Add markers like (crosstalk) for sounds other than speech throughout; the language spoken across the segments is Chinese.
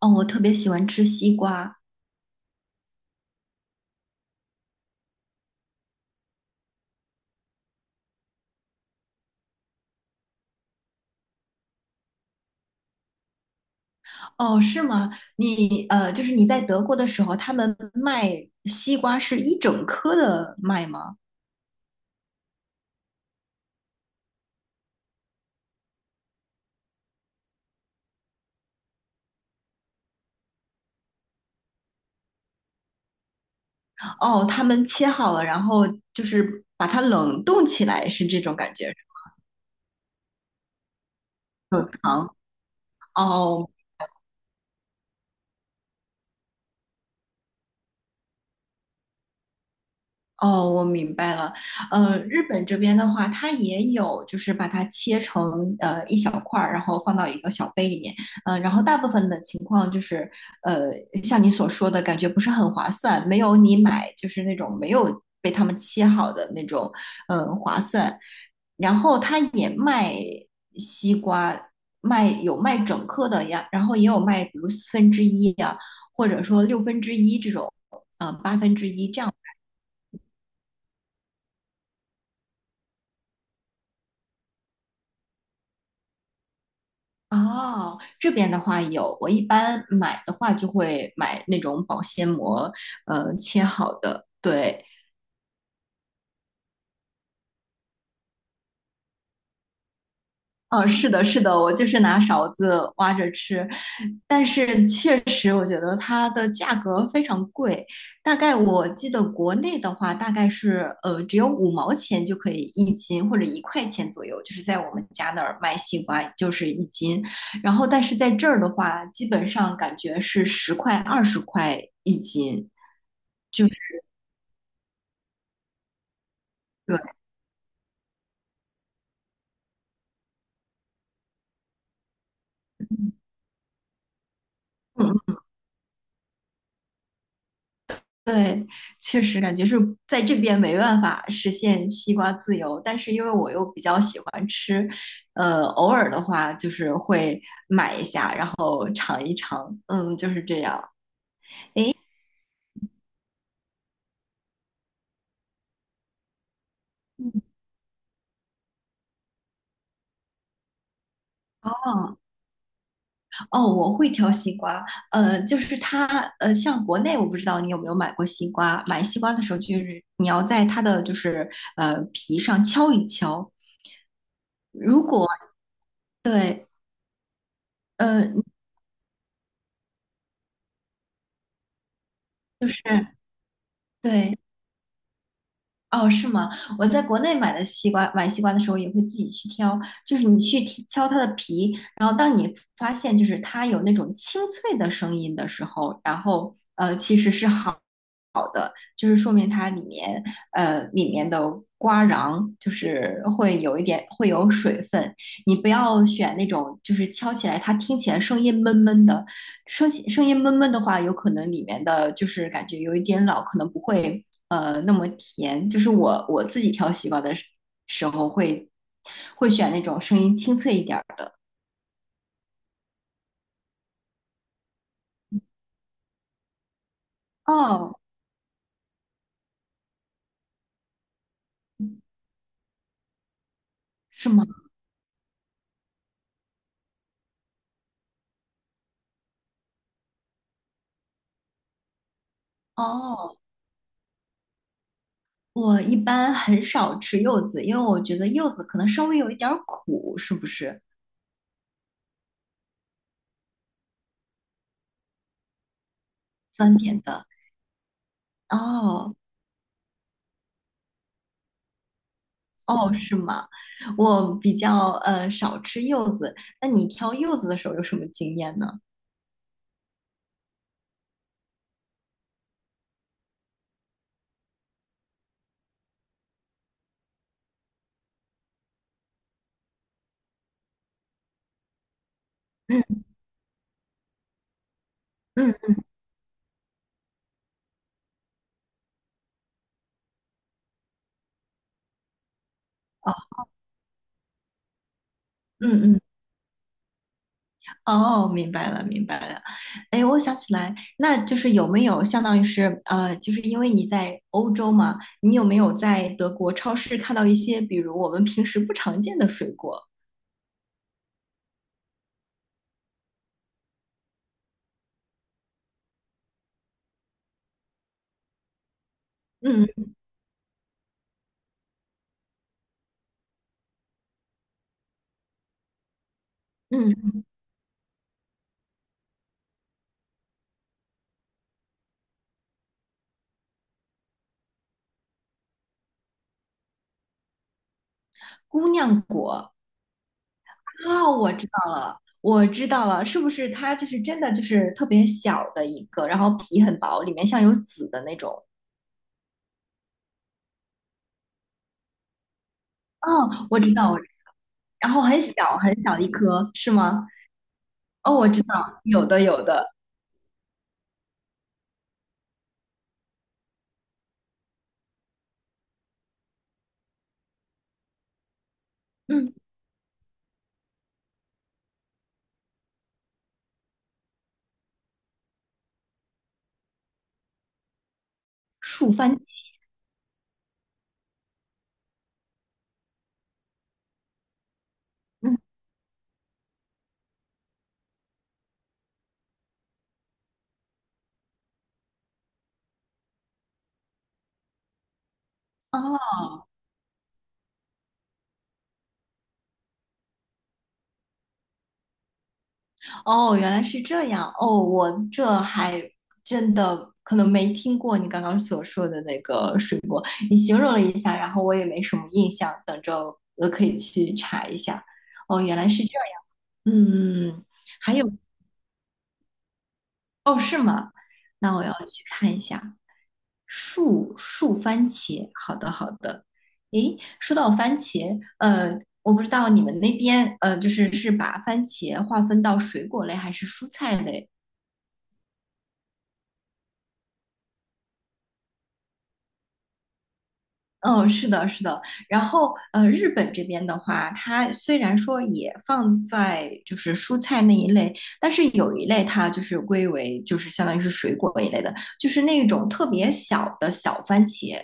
哦，我特别喜欢吃西瓜。哦，是吗？就是你在德国的时候，他们卖西瓜是一整颗的卖吗？哦，他们切好了，然后就是把它冷冻起来，是这种感觉，冷藏。哦，哦哦，我明白了。日本这边的话，它也有，就是把它切成一小块儿，然后放到一个小杯里面。然后大部分的情况就是，呃，像你所说的感觉不是很划算，没有你买就是那种没有被他们切好的那种，划算。然后它也卖西瓜，有卖整颗的呀，然后也有卖比如四分之一呀，或者说六分之一这种，八分之一这样。哦，这边的话有，我一般买的话就会买那种保鲜膜，切好的。对，哦，是的，是的，我就是拿勺子挖着吃，但是确实我觉得它的价格非常贵，大概我记得国内的话大概是只有五毛钱就可以一斤，或者一块钱左右，就是在我们家那儿卖西瓜就是一斤，然后但是在这儿的话，基本上感觉是十块、二十块一斤。对，嗯，对，确实感觉是在这边没办法实现西瓜自由，但是因为我又比较喜欢吃，偶尔的话就是会买一下，然后尝一尝，嗯，就是这样。哦，哦，我会挑西瓜，就是它，像国内我不知道你有没有买过西瓜，买西瓜的时候就是你要在它的就是皮上敲一敲，对，呃，就是对，哦，是吗？我在国内买的西瓜，买西瓜的时候也会自己去挑，就是你去剔敲它的皮，然后当你发现就是它有那种清脆的声音的时候，然后其实是好。就是说明它里面里面的瓜瓤就是会有一点会有水分。你不要选那种就是敲起来它听起来声音闷闷的，声音闷闷的话，有可能里面的就是感觉有一点老，可能不会那么甜。就是我自己挑西瓜的时候会选那种声音清脆一点儿的。哦，是吗？哦。我一般很少吃柚子，因为我觉得柚子可能稍微有一点儿苦，是不是酸甜的？哦哦，是吗？我比较少吃柚子。那你挑柚子的时候有什么经验呢？嗯嗯嗯嗯，哦，明白了明白了。哎，我想起来，那就是有没有相当于是就是因为你在欧洲嘛，你有没有在德国超市看到一些比如我们平时不常见的水果？嗯嗯，姑娘果。啊，我知道了，我知道了，是不是它就是真的就是特别小的一个，然后皮很薄，里面像有籽的那种？哦，我知道，然后很小很小一颗，是吗？哦，我知道，有的有的，嗯，树番茄，嗯，哦哦，原来是这样，哦，我这还真的可能没听过你刚刚所说的那个水果，你形容了一下，然后我也没什么印象，等着我可以去查一下。哦，原来是这样。嗯，嗯嗯还有哦，是吗？那我要去看一下。树番茄，好的好的。诶，说到番茄，我不知道你们那边，就是把番茄划分到水果类还是蔬菜类？嗯，是的，是的。然后，日本这边的话，它虽然说也放在就是蔬菜那一类，但是有一类它就是归为就是相当于是水果一类的，就是那种特别小的小番茄。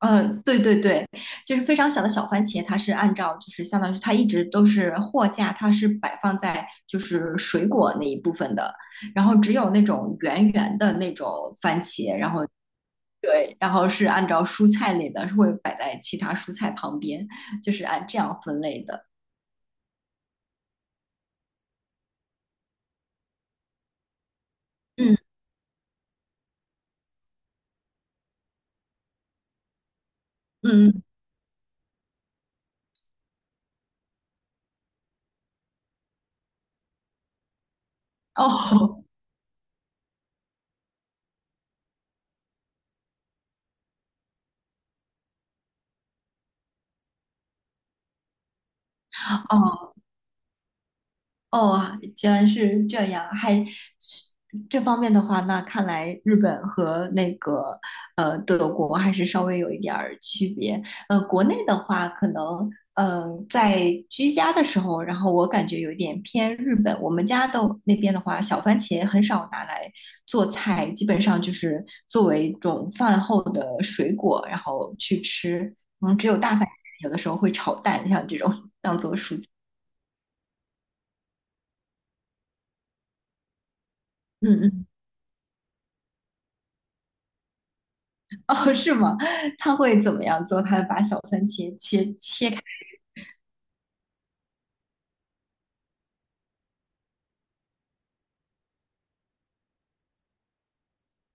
嗯，对对对，就是非常小的小番茄，它是按照就是相当于是它一直都是货架，它是摆放在就是水果那一部分的，然后只有那种圆圆的那种番茄，然后对，然后是按照蔬菜类的，是会摆在其他蔬菜旁边，就是按这样分类的。嗯嗯，嗯哦 (laughs) 哦，哦，居然是这样，还是这方面的话，那看来日本和那个德国还是稍微有一点儿区别。国内的话，可能在居家的时候，然后我感觉有一点偏日本。我们家的那边的话，小番茄很少拿来做菜，基本上就是作为一种饭后的水果，然后去吃。嗯，只有大番茄，有的时候会炒蛋，像这种当做蔬菜。嗯嗯。哦，是吗？他会怎么样做？他把小番茄切开。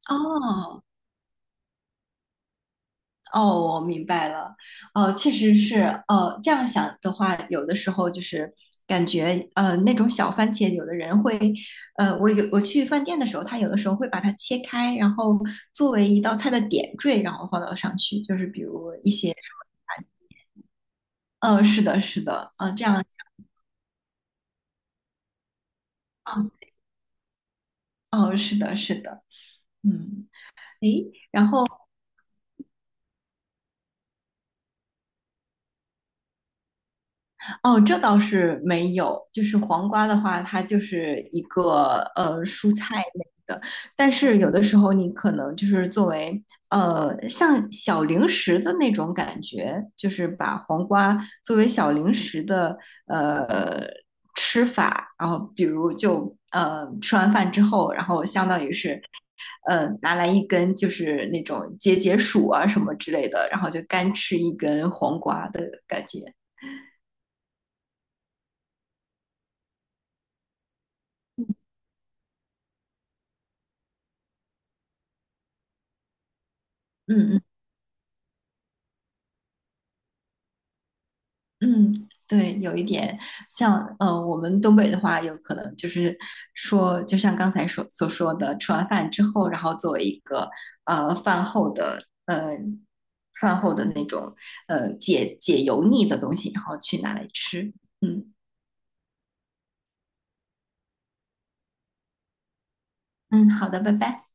哦哦，我明白了。哦，确实是。哦，这样想的话，有的时候就是感觉那种小番茄，有的人会呃，我去饭店的时候，他有的时候会把它切开，然后作为一道菜的点缀，然后放到上去，就是比如一些什么。是的，是的。嗯、这样想。哦，是的，是的。嗯，诶，然后。哦，这倒是没有。就是黄瓜的话，它就是一个蔬菜类的，但是有的时候你可能就是作为像小零食的那种感觉，就是把黄瓜作为小零食的呃吃法，然后比如就吃完饭之后，然后相当于是拿来一根就是那种解解暑啊什么之类的，然后就干吃一根黄瓜的感觉。嗯嗯。嗯，对，有一点像，我们东北的话，有可能就是说，就像刚才所说的，吃完饭之后，然后作为一个饭后的呃那种解解油腻的东西，然后去拿来吃。嗯嗯，好的，拜拜。